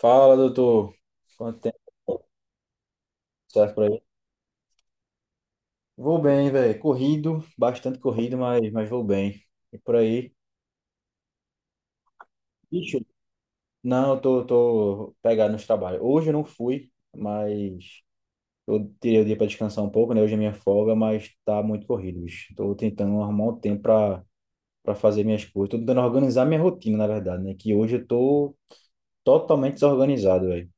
Fala, doutor. Quanto tempo serve por aí? Vou bem, velho. Corrido, bastante corrido, mas vou bem. E por aí? Bicho, não, eu tô pegado nos trabalhos. Hoje eu não fui, mas eu tirei o dia pra descansar um pouco, né? Hoje é minha folga, mas tá muito corrido, bicho. Tô tentando arrumar um tempo pra fazer minhas coisas. Tô tentando organizar minha rotina, na verdade, né? Que hoje eu tô totalmente desorganizado, velho.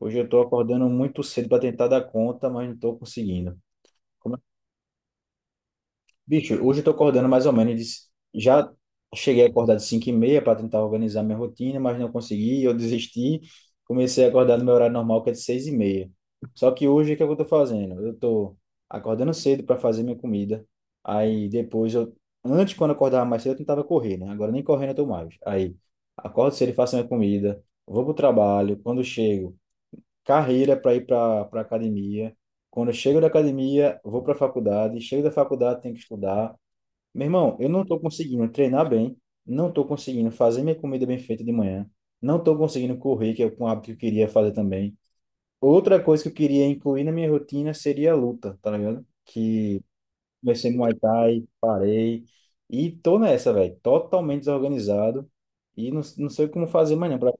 Hoje eu tô acordando muito cedo pra tentar dar conta, mas não tô conseguindo. Bicho, hoje eu tô acordando mais ou menos. Já cheguei a acordar de 5:30 para tentar organizar minha rotina, mas não consegui, eu desisti. Comecei a acordar no meu horário normal, que é de 6:30. Só que hoje, o que é que eu tô fazendo? Eu tô acordando cedo para fazer minha comida. Aí depois eu... Antes, quando eu acordava mais cedo, eu tentava correr, né? Agora nem correndo eu tô mais. Aí, acordo cedo e faço minha comida. Vou pro trabalho. Quando chego, carreira para ir pra academia. Quando eu chego da academia, vou pra faculdade. Chego da faculdade, tenho que estudar. Meu irmão, eu não estou conseguindo treinar bem, não estou conseguindo fazer minha comida bem feita de manhã, não estou conseguindo correr, que é um hábito que eu queria fazer também. Outra coisa que eu queria incluir na minha rotina seria a luta, tá ligado? Que comecei Muay Thai, parei, e tô nessa, velho, totalmente desorganizado, e não sei como fazer amanhã pra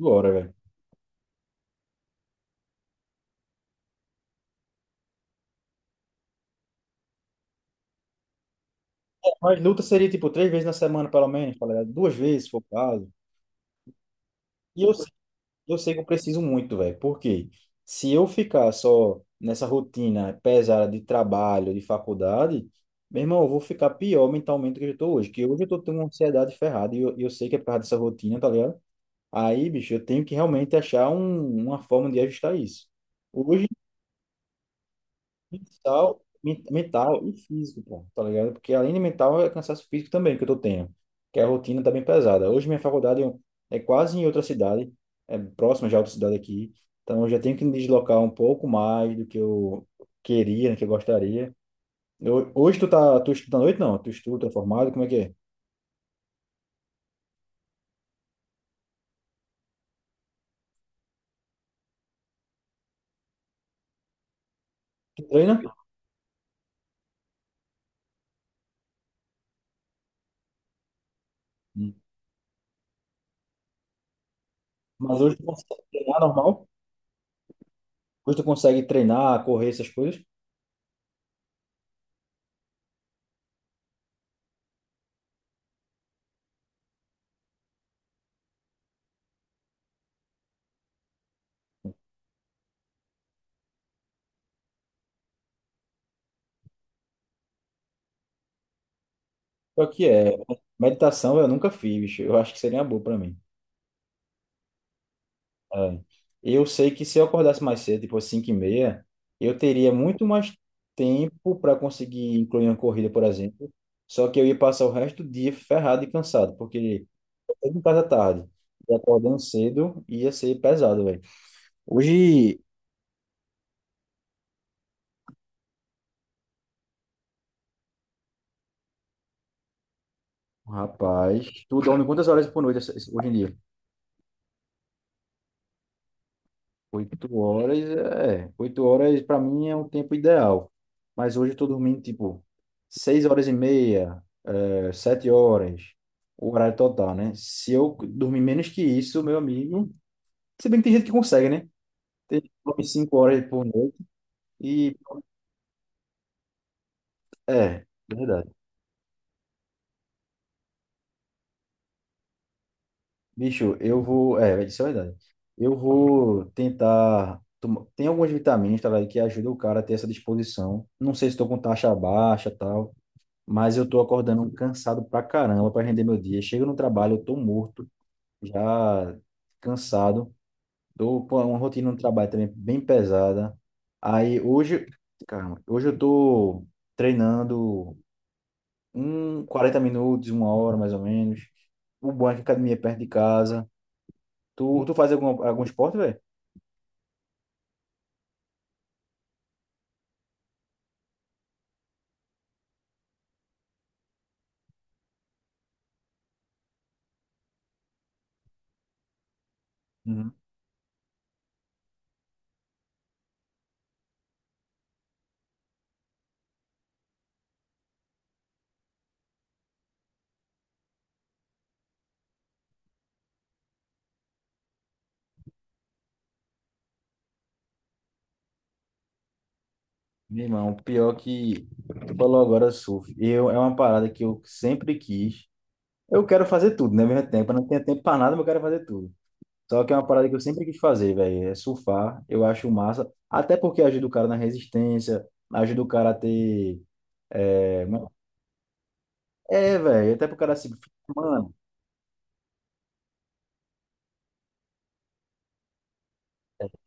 hora, velho. Mas luta seria tipo três vezes na semana, pelo menos, tá ligado? Duas vezes, se for o caso. Eu eu sei que eu preciso muito, velho, porque se eu ficar só nessa rotina pesada de trabalho, de faculdade, meu irmão, eu vou ficar pior mentalmente do que eu estou hoje, que hoje eu tô tendo uma ansiedade ferrada e eu sei que é por causa dessa rotina, tá ligado? Aí, bicho, eu tenho que realmente achar uma forma de ajustar isso. Hoje, Mental, mental e físico, pô, tá ligado? Porque além de mental, é cansaço físico também que eu tô tendo, que é a rotina tá bem pesada. Hoje minha faculdade é quase em outra cidade, é próxima já a outra cidade aqui, então eu já tenho que me deslocar um pouco mais do que eu queria, né, que eu gostaria. Hoje tu estuda à noite? Não, tu é formado, como é que é? Tu treina? Hum. Mas hoje tu consegue treinar normal? Hoje tu consegue treinar, correr, essas coisas? Só que é, meditação eu nunca fiz, eu acho que seria uma boa pra mim. É. Eu sei que se eu acordasse mais cedo, tipo às 5h30, eu teria muito mais tempo para conseguir incluir uma corrida, por exemplo. Só que eu ia passar o resto do dia ferrado e cansado, porque eu em casa tarde e acordando cedo ia ser pesado, velho. Hoje, rapaz, tu dorme quantas horas por noite hoje em dia? Oito horas, é. Oito horas para mim é um tempo ideal. Mas hoje eu tô dormindo tipo 6 horas e meia, é, 7 horas, o horário total, né? Se eu dormir menos que isso, meu amigo. Se bem que tem gente que consegue, né? Tem gente que dorme 5 horas por noite e. É, verdade. Bicho, eu vou. É, isso é verdade. Eu vou tentar. Tomar- Tem algumas vitaminas, tá, velho, que ajudam o cara a ter essa disposição. Não sei se estou com taxa baixa e tal. Mas eu tô acordando cansado pra caramba pra render meu dia. Chego no trabalho, eu tô morto, já cansado. Tô com uma rotina no trabalho também bem pesada. Aí hoje, caramba, hoje eu tô treinando um 40 minutos, 1 hora mais ou menos. O bom é que a academia é perto de casa. Tu faz algum esporte, velho? Uhum. Meu irmão, pior que tu falou agora surf. Eu, é uma parada que eu sempre quis. Eu quero fazer tudo, né? Ao mesmo tempo, eu não tenho tempo pra nada, mas eu quero fazer tudo. Só que é uma parada que eu sempre quis fazer, velho. É surfar. Eu acho massa. Até porque ajuda o cara na resistência, ajuda o cara a ter. É, uma- é velho. Até pro cara se. Mano,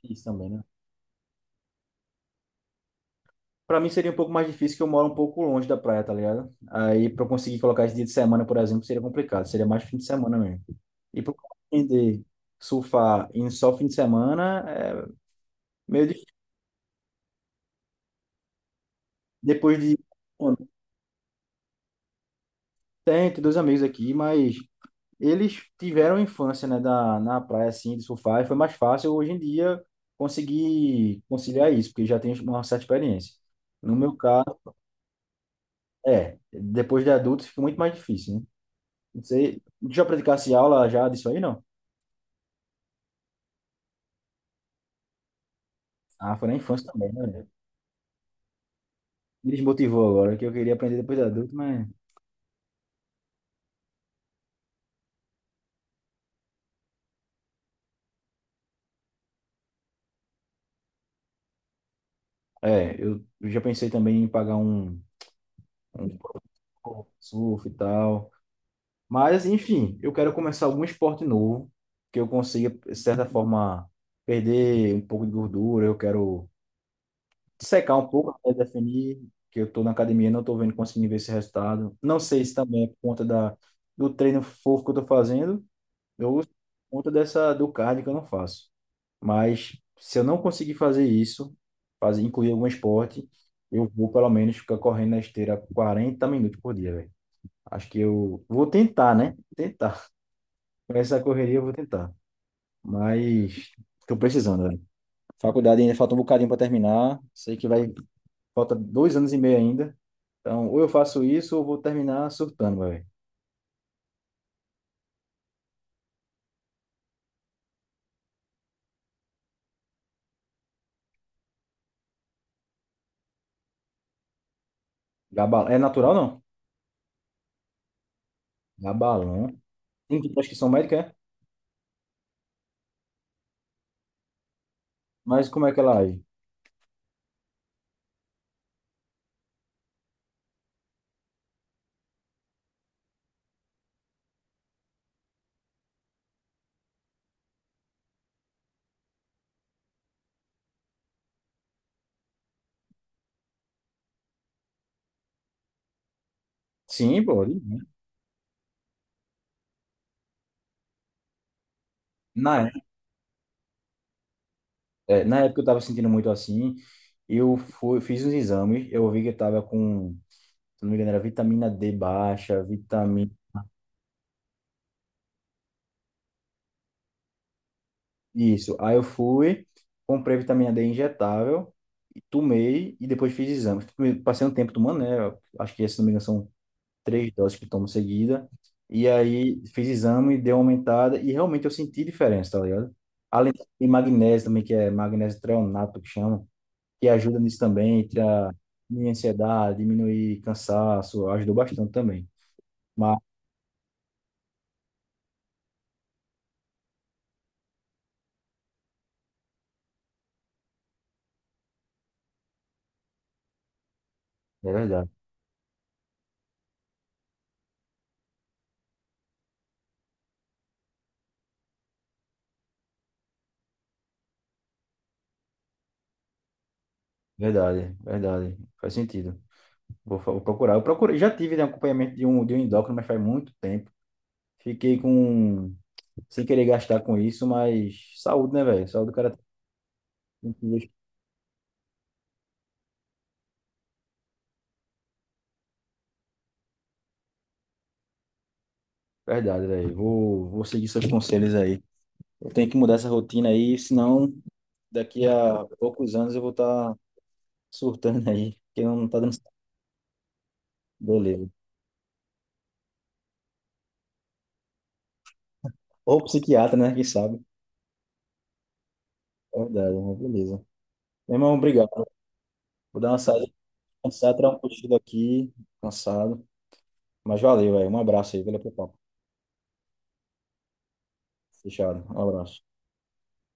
isso também, né? Pra mim seria um pouco mais difícil que eu moro um pouco longe da praia, tá ligado? Aí pra eu conseguir colocar esse dia de semana, por exemplo, seria complicado. Seria mais fim de semana mesmo. E pra eu aprender surfar em só fim de semana, é meio difícil. Depois de. Bom, tem, dois amigos aqui, mas eles tiveram infância, né, na praia, assim, de surfar, e foi mais fácil hoje em dia conseguir conciliar isso, porque já tem uma certa experiência. No meu caso, é, depois de adulto fica muito mais difícil, né? Não sei, já praticasse aula já disso aí, não? Ah, foi na infância também, né? Me desmotivou agora, que eu queria aprender depois de adulto, mas... É, eu já pensei também em pagar um surf e tal. Mas, enfim, eu quero começar algum esporte novo, que eu consiga, de certa forma, perder um pouco de gordura. Eu quero secar um pouco até definir que eu estou na academia, não estou vendo, conseguindo ver esse resultado. Não sei se também é por conta da, do treino fofo que eu estou fazendo ou por conta dessa, do cardio que eu não faço. Mas, se eu não conseguir fazer isso, fazer, incluir algum esporte, eu vou, pelo menos, ficar correndo na esteira 40 minutos por dia, velho. Acho que eu vou tentar, né? Tentar. Com essa correria eu vou tentar. Mas tô precisando, velho. Faculdade ainda falta um bocadinho para terminar. Sei que vai. Falta 2 anos e meio ainda. Então, ou eu faço isso ou vou terminar surtando, velho. Gabal... É natural, não? Gabalão. Tem que prescrição médica, é? Mas como é que ela age? Sim, pô. Ali, né? Na, é- É, na época eu tava sentindo muito assim. Eu fui, fiz uns exames. Eu vi que eu tava com, se não me engano, era vitamina D baixa, vitamina Isso. Aí eu fui, comprei vitamina D injetável, e tomei e depois fiz exames. Passei um tempo tomando, né? eu Acho que, se não me engano, são três doses que tomo seguida. E aí fiz exame, deu uma aumentada e realmente eu senti diferença, tá ligado? Além de magnésio também, que é magnésio treonato que chama, que ajuda nisso também, para diminuir ansiedade, diminuir cansaço, ajudou bastante também. Mas é verdade, verdade, verdade. Faz sentido. Vou, vou procurar. Eu procurei, já tive né, acompanhamento de um endócrino, mas faz muito tempo. Fiquei com, sem querer gastar com isso, mas saúde, né, velho? Saúde do cara tem que verdade, velho. Vou seguir seus conselhos aí. Eu tenho que mudar essa rotina aí, senão daqui a poucos anos eu vou estar surtando aí, porque não tá dando certo. Beleza. Ou psiquiatra, né? Quem sabe? É verdade, mas beleza. Meu irmão, obrigado. Vou dar uma saída, descansar, tirar um cochilo aqui, cansado. Mas valeu, velho. Um abraço aí, valeu pelo papo. Fechado. Um abraço.